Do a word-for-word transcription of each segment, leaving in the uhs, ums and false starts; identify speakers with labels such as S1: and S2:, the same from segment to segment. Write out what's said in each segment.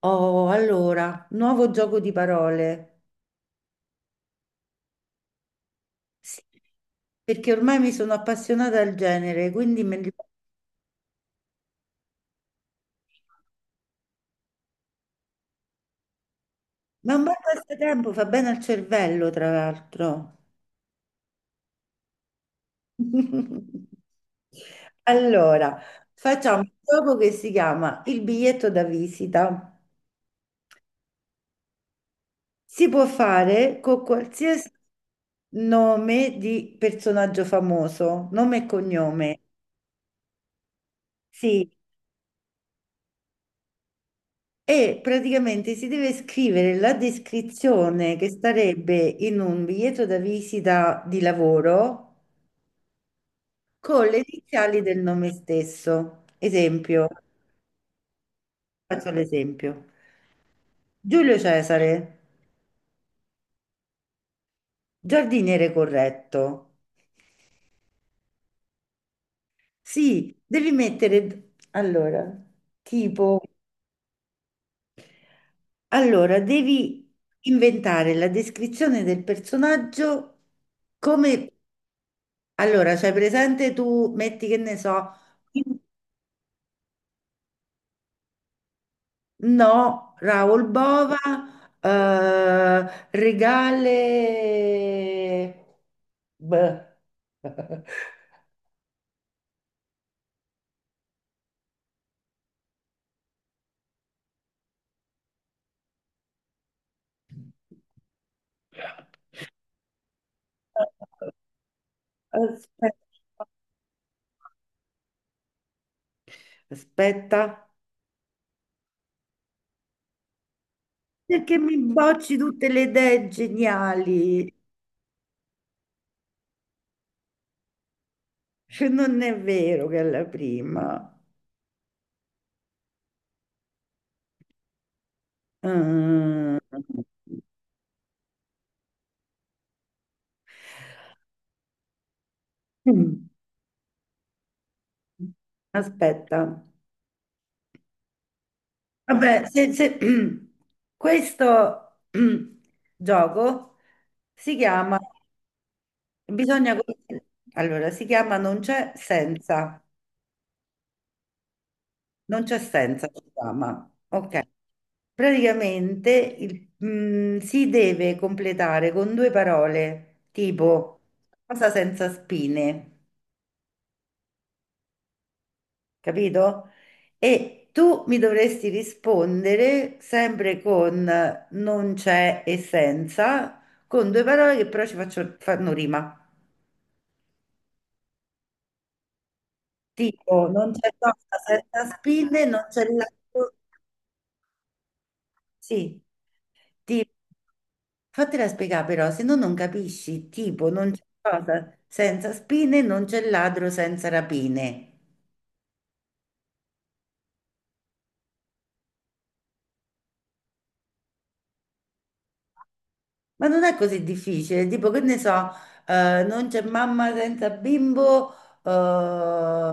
S1: Oh, allora, nuovo gioco di parole. Sì, perché ormai mi sono appassionata al genere, quindi me li- ma è un bel passatempo, fa bene al cervello, tra l'altro. Allora, facciamo un gioco che si chiama il biglietto da visita. Si può fare con qualsiasi nome di personaggio famoso, nome e cognome. Sì, e praticamente si deve scrivere la descrizione che starebbe in un biglietto da visita di lavoro con le iniziali del nome stesso. Esempio, faccio l'esempio. Giulio Cesare, giardiniere corretto. Sì, devi mettere, allora, tipo, allora, devi inventare la descrizione del personaggio come, allora, cioè presente tu, metti che ne so. No, Raul Bova, eh, regale... Beh. Aspetta. Aspetta, perché mi bocci tutte le idee geniali? Cioè, non è vero che è la prima. Mm. Aspetta. Vabbè, se- se- questo gioco si chiama, bisogna, allora, si chiama non c'è senza, non c'è senza, si chiama, ok. Praticamente il- mm, si deve completare con due parole, tipo cosa senza spine, capito? E tu mi dovresti rispondere sempre con non c'è e senza, con due parole che però ci faccio, fanno rima. Tipo, non c'è sosta senza spine, non c'è latte. Sì, tipo, fatela spiegare però, se no non capisci. Tipo, non c'è cosa senza spine, non c'è ladro senza rapine. Ma non è così difficile, tipo, che ne so, eh, non c'è mamma senza bimbo, eh,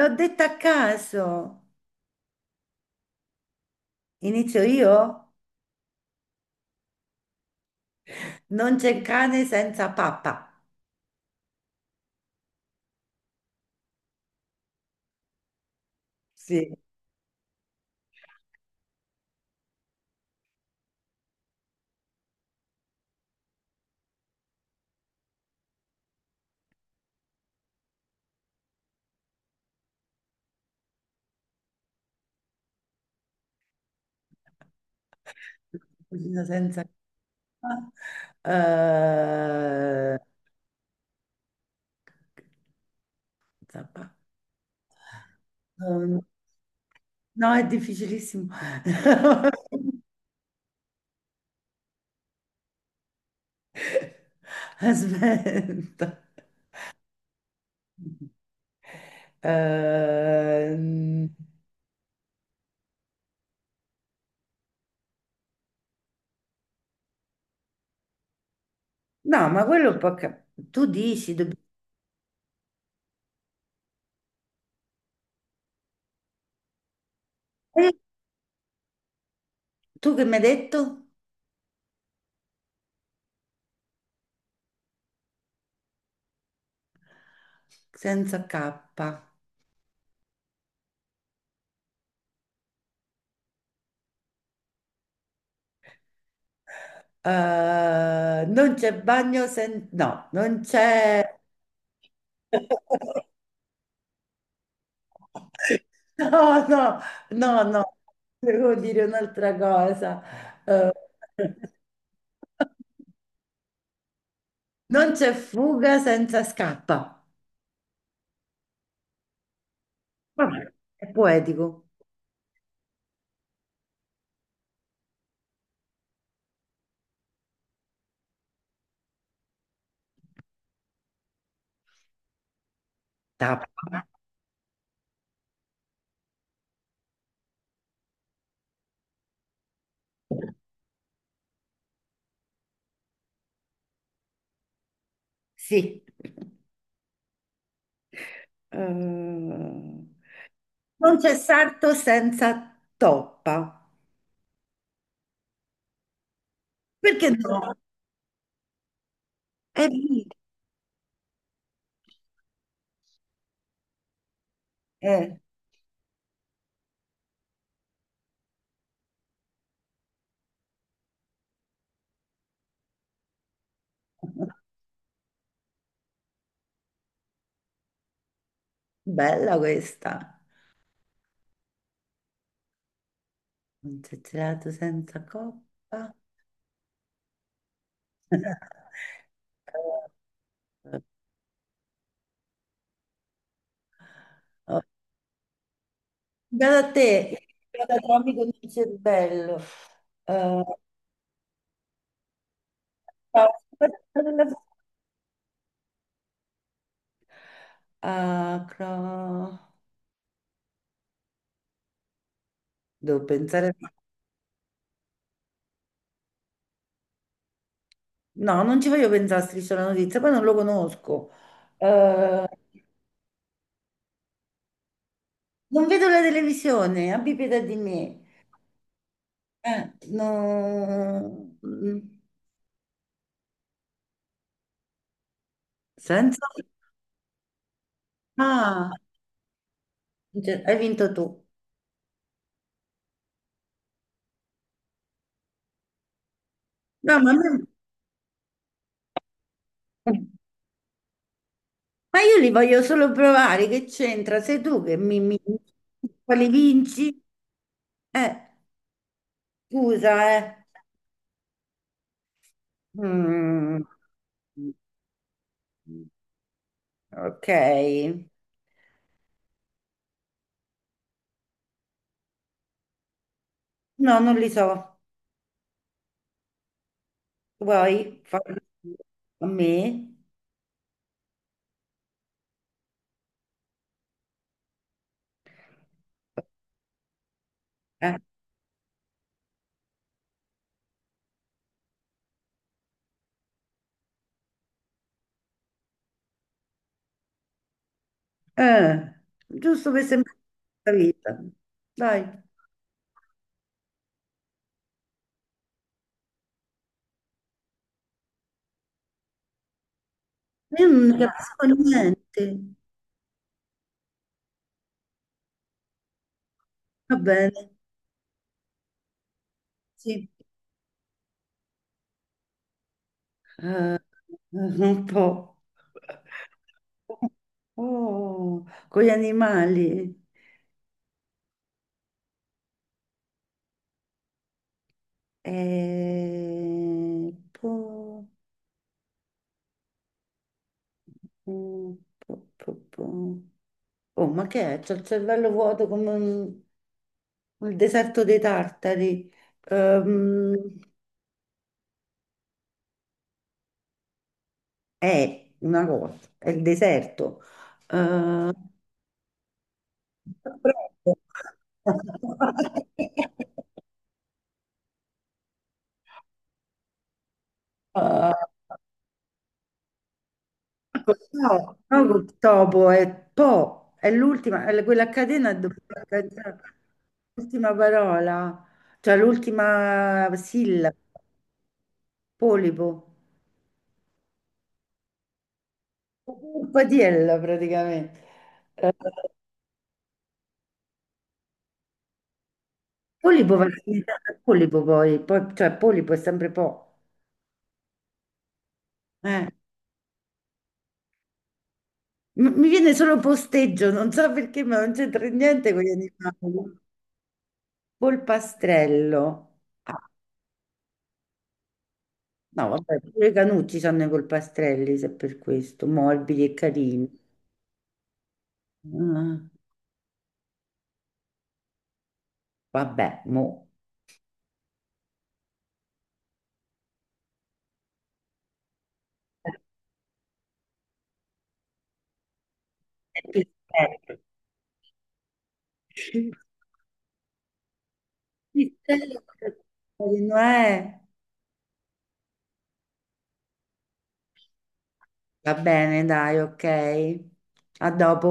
S1: l'ho detta a caso. Inizio io? Non c'è cane senza pappa. Sì. Cucina senza pappa. Eh, senza pappa. Eh, No, è difficilissimo. Aspetta. Ehm, no, ma quello è un po' che- tu dici, dobb- eh, tu che mi hai detto? Senza K. Eh, non c'è bagno senza... No, non c'è... No, no, no, no, devo dire un'altra cosa. Eh, non c'è fuga senza scappa. Vabbè, è poetico. Tappa. Sì. Eh, non c'è sarto senza toppa. Perché no? È lì. Eh. Bella questa. Non c'è gelato senza coppa. Oh, guarda te, guarda Tommy con il cervello. Eh, ah, cro- devo pensare. No, non ci voglio pensare a Striscia la notizia, poi non lo conosco. Eh, non vedo la televisione, abbi pietà di me. Eh, no. mm, Senza... Ah, cioè, hai vinto tu. No, ma, me- ma io li voglio solo provare, che c'entra? Sei tu che mi... mi... quali vinci? Eh, scusa, eh. Mm. Ok. No, non li so. Vuoi farli a me? Eh, eh, giusto per sembrare la vita. Dai, io non ne capisco niente. Va bene, sì. Un po'. Oh, con gli animali. Eh, po, po, po, po. Oh, ma che è? C'ho il cervello vuoto come un- Il deserto dei tartari. Ehm, è una cosa, è il deserto. Ehm, proprio. Ah, no, no, col topo è po, è l'ultima, è quella a catena dove l'ultima parola, cioè l'ultima sillaba, polipo, un patiello praticamente. Ehm, Polipo va a finire a polipo poi, poi- cioè polipo è sempre po'. Eh. M- Mi viene solo posteggio, non so perché, ma non c'entra niente con gli animali. Polpastrello. Ah, no, vabbè, pure i canucci hanno i polpastrelli, se per questo, morbidi e carini. Ah, vabbè, mo. Pistello. Pistello. Non è? Va bene, dai, ok. A dopo.